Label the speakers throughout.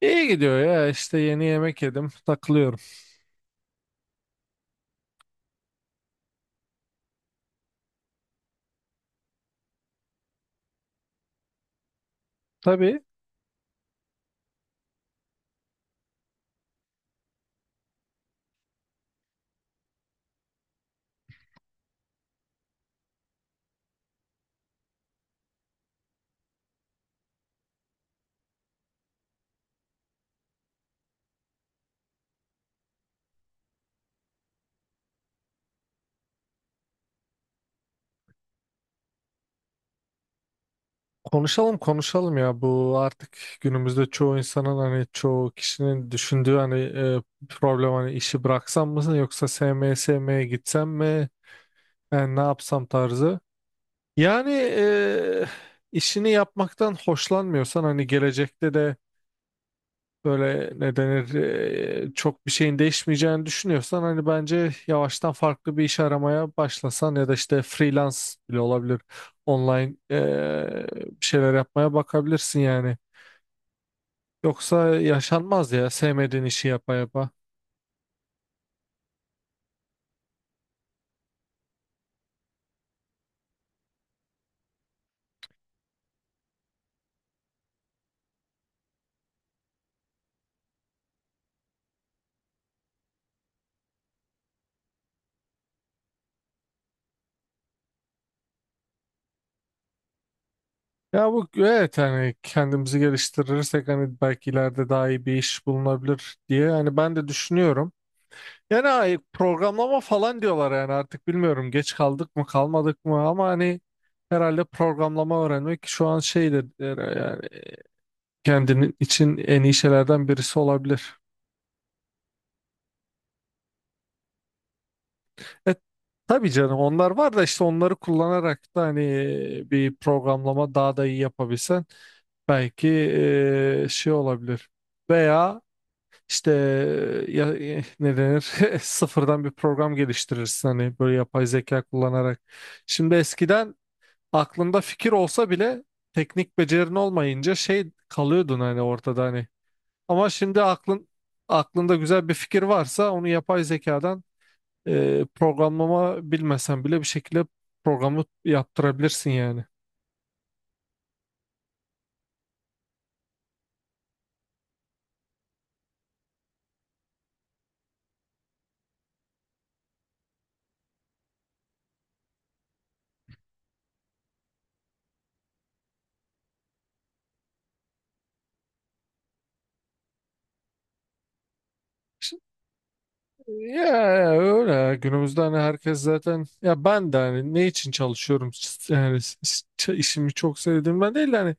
Speaker 1: İyi gidiyor ya, işte yeni yemek yedim, takılıyorum. Tabii, konuşalım konuşalım ya, bu artık günümüzde çoğu insanın hani çoğu kişinin düşündüğü hani problem, hani işi bıraksam mı yoksa SM'ye gitsem mi, yani ne yapsam tarzı. Yani işini yapmaktan hoşlanmıyorsan hani gelecekte de böyle, ne denir, çok bir şeyin değişmeyeceğini düşünüyorsan hani bence yavaştan farklı bir iş aramaya başlasan, ya da işte freelance bile olabilir, online bir şeyler yapmaya bakabilirsin yani. Yoksa yaşanmaz ya, sevmediğin işi yapa yapa. Ya bu evet, hani kendimizi geliştirirsek hani belki ileride daha iyi bir iş bulunabilir diye hani ben de düşünüyorum. Yani programlama falan diyorlar, yani artık bilmiyorum, geç kaldık mı kalmadık mı, ama hani herhalde programlama öğrenmek şu an şeydir, yani kendinin için en iyi şeylerden birisi olabilir. E, tabii canım, onlar var da işte onları kullanarak da hani bir programlama daha da iyi yapabilsen belki şey olabilir. Veya işte ne denir sıfırdan bir program geliştirirsin hani, böyle yapay zeka kullanarak. Şimdi eskiden aklında fikir olsa bile teknik becerin olmayınca şey kalıyordun hani, ortada hani. Ama şimdi aklında güzel bir fikir varsa onu yapay zekadan programlama bilmesen bile bir şekilde programı yaptırabilirsin yani. Ya öyle ya. Günümüzde hani herkes zaten, ya ben de hani ne için çalışıyorum, yani işimi çok sevdiğim ben değil de hani,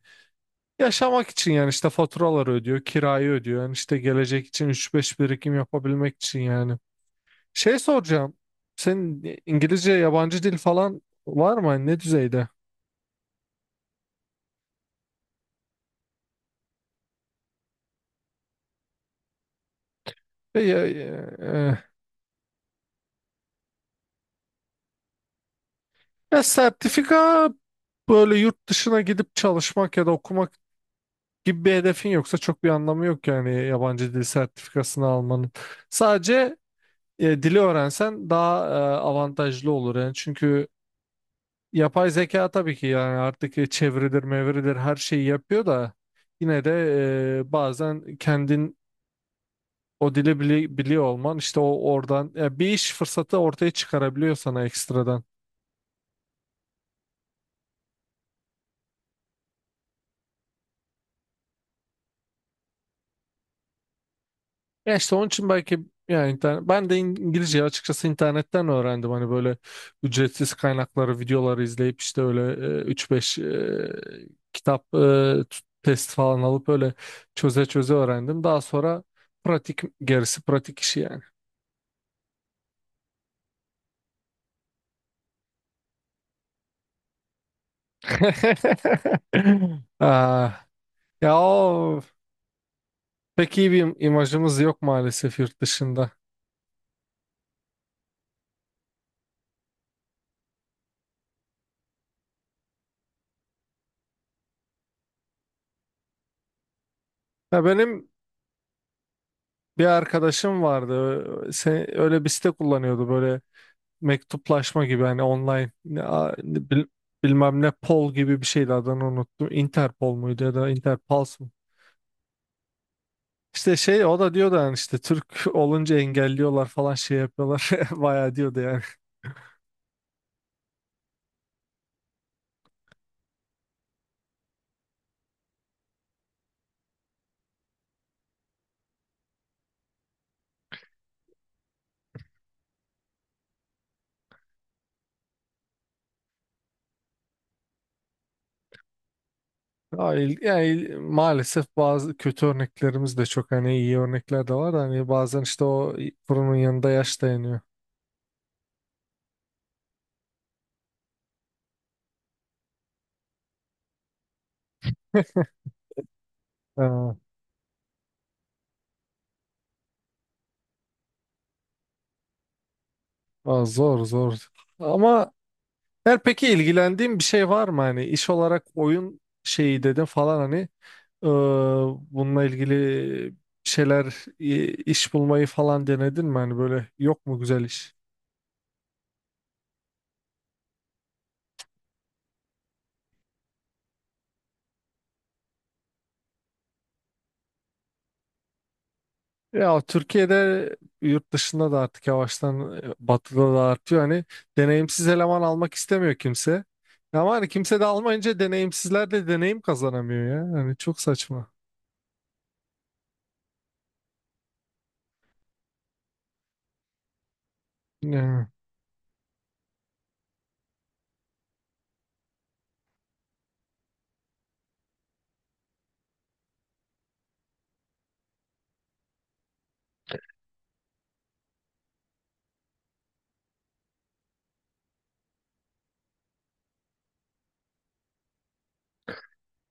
Speaker 1: yaşamak için yani, işte faturaları ödüyor, kirayı ödüyor, yani işte gelecek için üç beş birikim yapabilmek için yani. Şey soracağım. Senin İngilizce, yabancı dil falan var mı? Hani ne düzeyde? E, Ya, e, e, ya sertifika, böyle yurt dışına gidip çalışmak ya da okumak gibi bir hedefin yoksa çok bir anlamı yok yani yabancı dil sertifikasını almanın. Sadece dili öğrensen daha avantajlı olur yani. Çünkü yapay zeka tabii ki, yani artık çeviridir, mevridir, her şeyi yapıyor da yine de bazen kendin o dili biliyor olman, işte o, oradan ya bir iş fırsatı ortaya çıkarabiliyor sana ekstradan. Ya işte onun için belki, yani internet, ben de İngilizceyi açıkçası internetten öğrendim. Hani böyle ücretsiz kaynakları, videoları izleyip, işte öyle 3-5 kitap, t- test falan alıp öyle çöze çöze öğrendim. Daha sonra pratik, gerisi pratik işi yani. Ah, ya o pek iyi bir imajımız yok maalesef yurt dışında. Ya benim bir arkadaşım vardı. Öyle bir site kullanıyordu, böyle mektuplaşma gibi, hani online bilmem ne Pol gibi bir şeydi, adını unuttum. Interpol muydu ya da Interpals mı? İşte şey, o da diyordu yani işte Türk olunca engelliyorlar falan, şey yapıyorlar. Bayağı diyordu yani. Maalesef bazı kötü örneklerimiz de çok, hani iyi örnekler de var da hani, bazen işte o fırının yanında yaş dayanıyor. Ha, aa, zor, zor. Ama her peki, ilgilendiğin bir şey var mı hani iş olarak, oyun şeyi dedin falan hani, eee, bununla ilgili bir şeyler, iş bulmayı falan denedin mi hani, böyle yok mu güzel iş? Ya Türkiye'de, yurt dışında da artık yavaştan, batıda da artıyor hani, deneyimsiz eleman almak istemiyor kimse. Ama hani kimse de almayınca deneyimsizler de deneyim kazanamıyor ya. Hani çok saçma. Ya.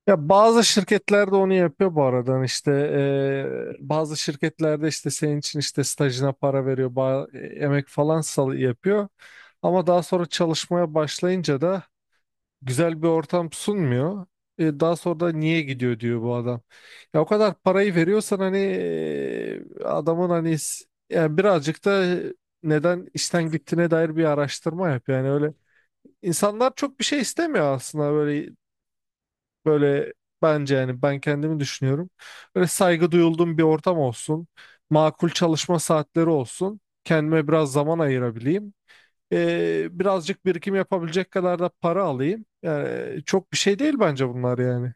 Speaker 1: Ya bazı şirketler de onu yapıyor bu aradan, işte bazı şirketlerde işte senin için işte stajına para veriyor, emek falan sal yapıyor, ama daha sonra çalışmaya başlayınca da güzel bir ortam sunmuyor. E, daha sonra da niye gidiyor diyor bu adam. Ya o kadar parayı veriyorsan hani, adamın hani, yani birazcık da neden işten gittiğine dair bir araştırma yap, yani öyle. İnsanlar çok bir şey istemiyor aslında, böyle. Böyle bence, yani ben kendimi düşünüyorum. Böyle saygı duyulduğum bir ortam olsun. Makul çalışma saatleri olsun. Kendime biraz zaman ayırabileyim. Birazcık birikim yapabilecek kadar da para alayım. Yani çok bir şey değil bence bunlar yani.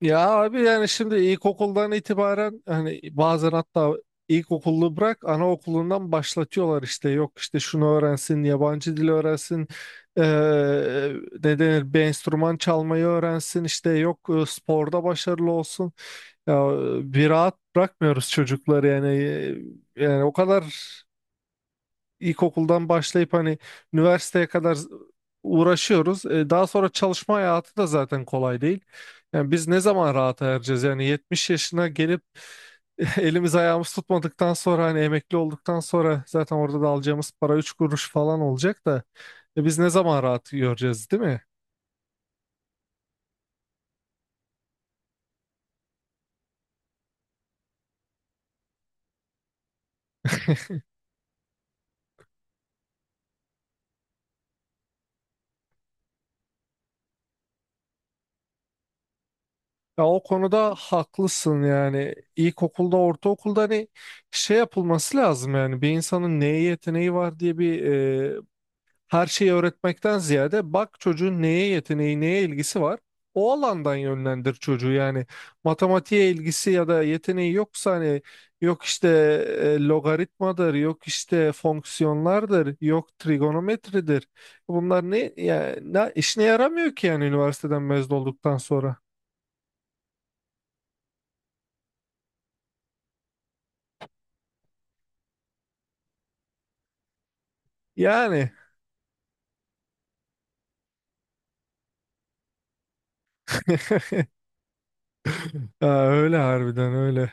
Speaker 1: Ya abi yani şimdi ilkokuldan itibaren hani, bazen hatta ilkokullu bırak, anaokulundan başlatıyorlar işte, yok işte şunu öğrensin, yabancı dil öğrensin, eee ne denir, bir enstrüman çalmayı öğrensin, işte yok sporda başarılı olsun, ya, bir rahat bırakmıyoruz çocukları yani. E, yani o kadar ilkokuldan başlayıp hani üniversiteye kadar uğraşıyoruz. E, daha sonra çalışma hayatı da zaten kolay değil. Yani biz ne zaman rahata ereceğiz? Yani 70 yaşına gelip elimiz ayağımız tutmadıktan sonra, hani emekli olduktan sonra zaten orada da alacağımız para 3 kuruş falan olacak da, biz ne zaman rahat göreceğiz, değil mi? Ya o konuda haklısın, yani ilkokulda, ortaokulda hani şey yapılması lazım yani, bir insanın neye yeteneği var diye bir her şeyi öğretmekten ziyade bak çocuğun neye yeteneği, neye ilgisi var. O alandan yönlendir çocuğu yani. Matematiğe ilgisi ya da yeteneği yoksa hani yok işte logaritmadır, yok işte fonksiyonlardır, yok trigonometridir. Bunlar ne, ya, ne işine yaramıyor ki yani üniversiteden mezun olduktan sonra. Yani ya öyle, harbiden öyle.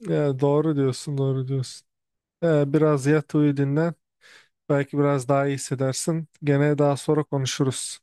Speaker 1: Ya doğru diyorsun, doğru diyorsun. Ya biraz yat, uyu, dinlen. Belki biraz daha iyi hissedersin. Gene daha sonra konuşuruz.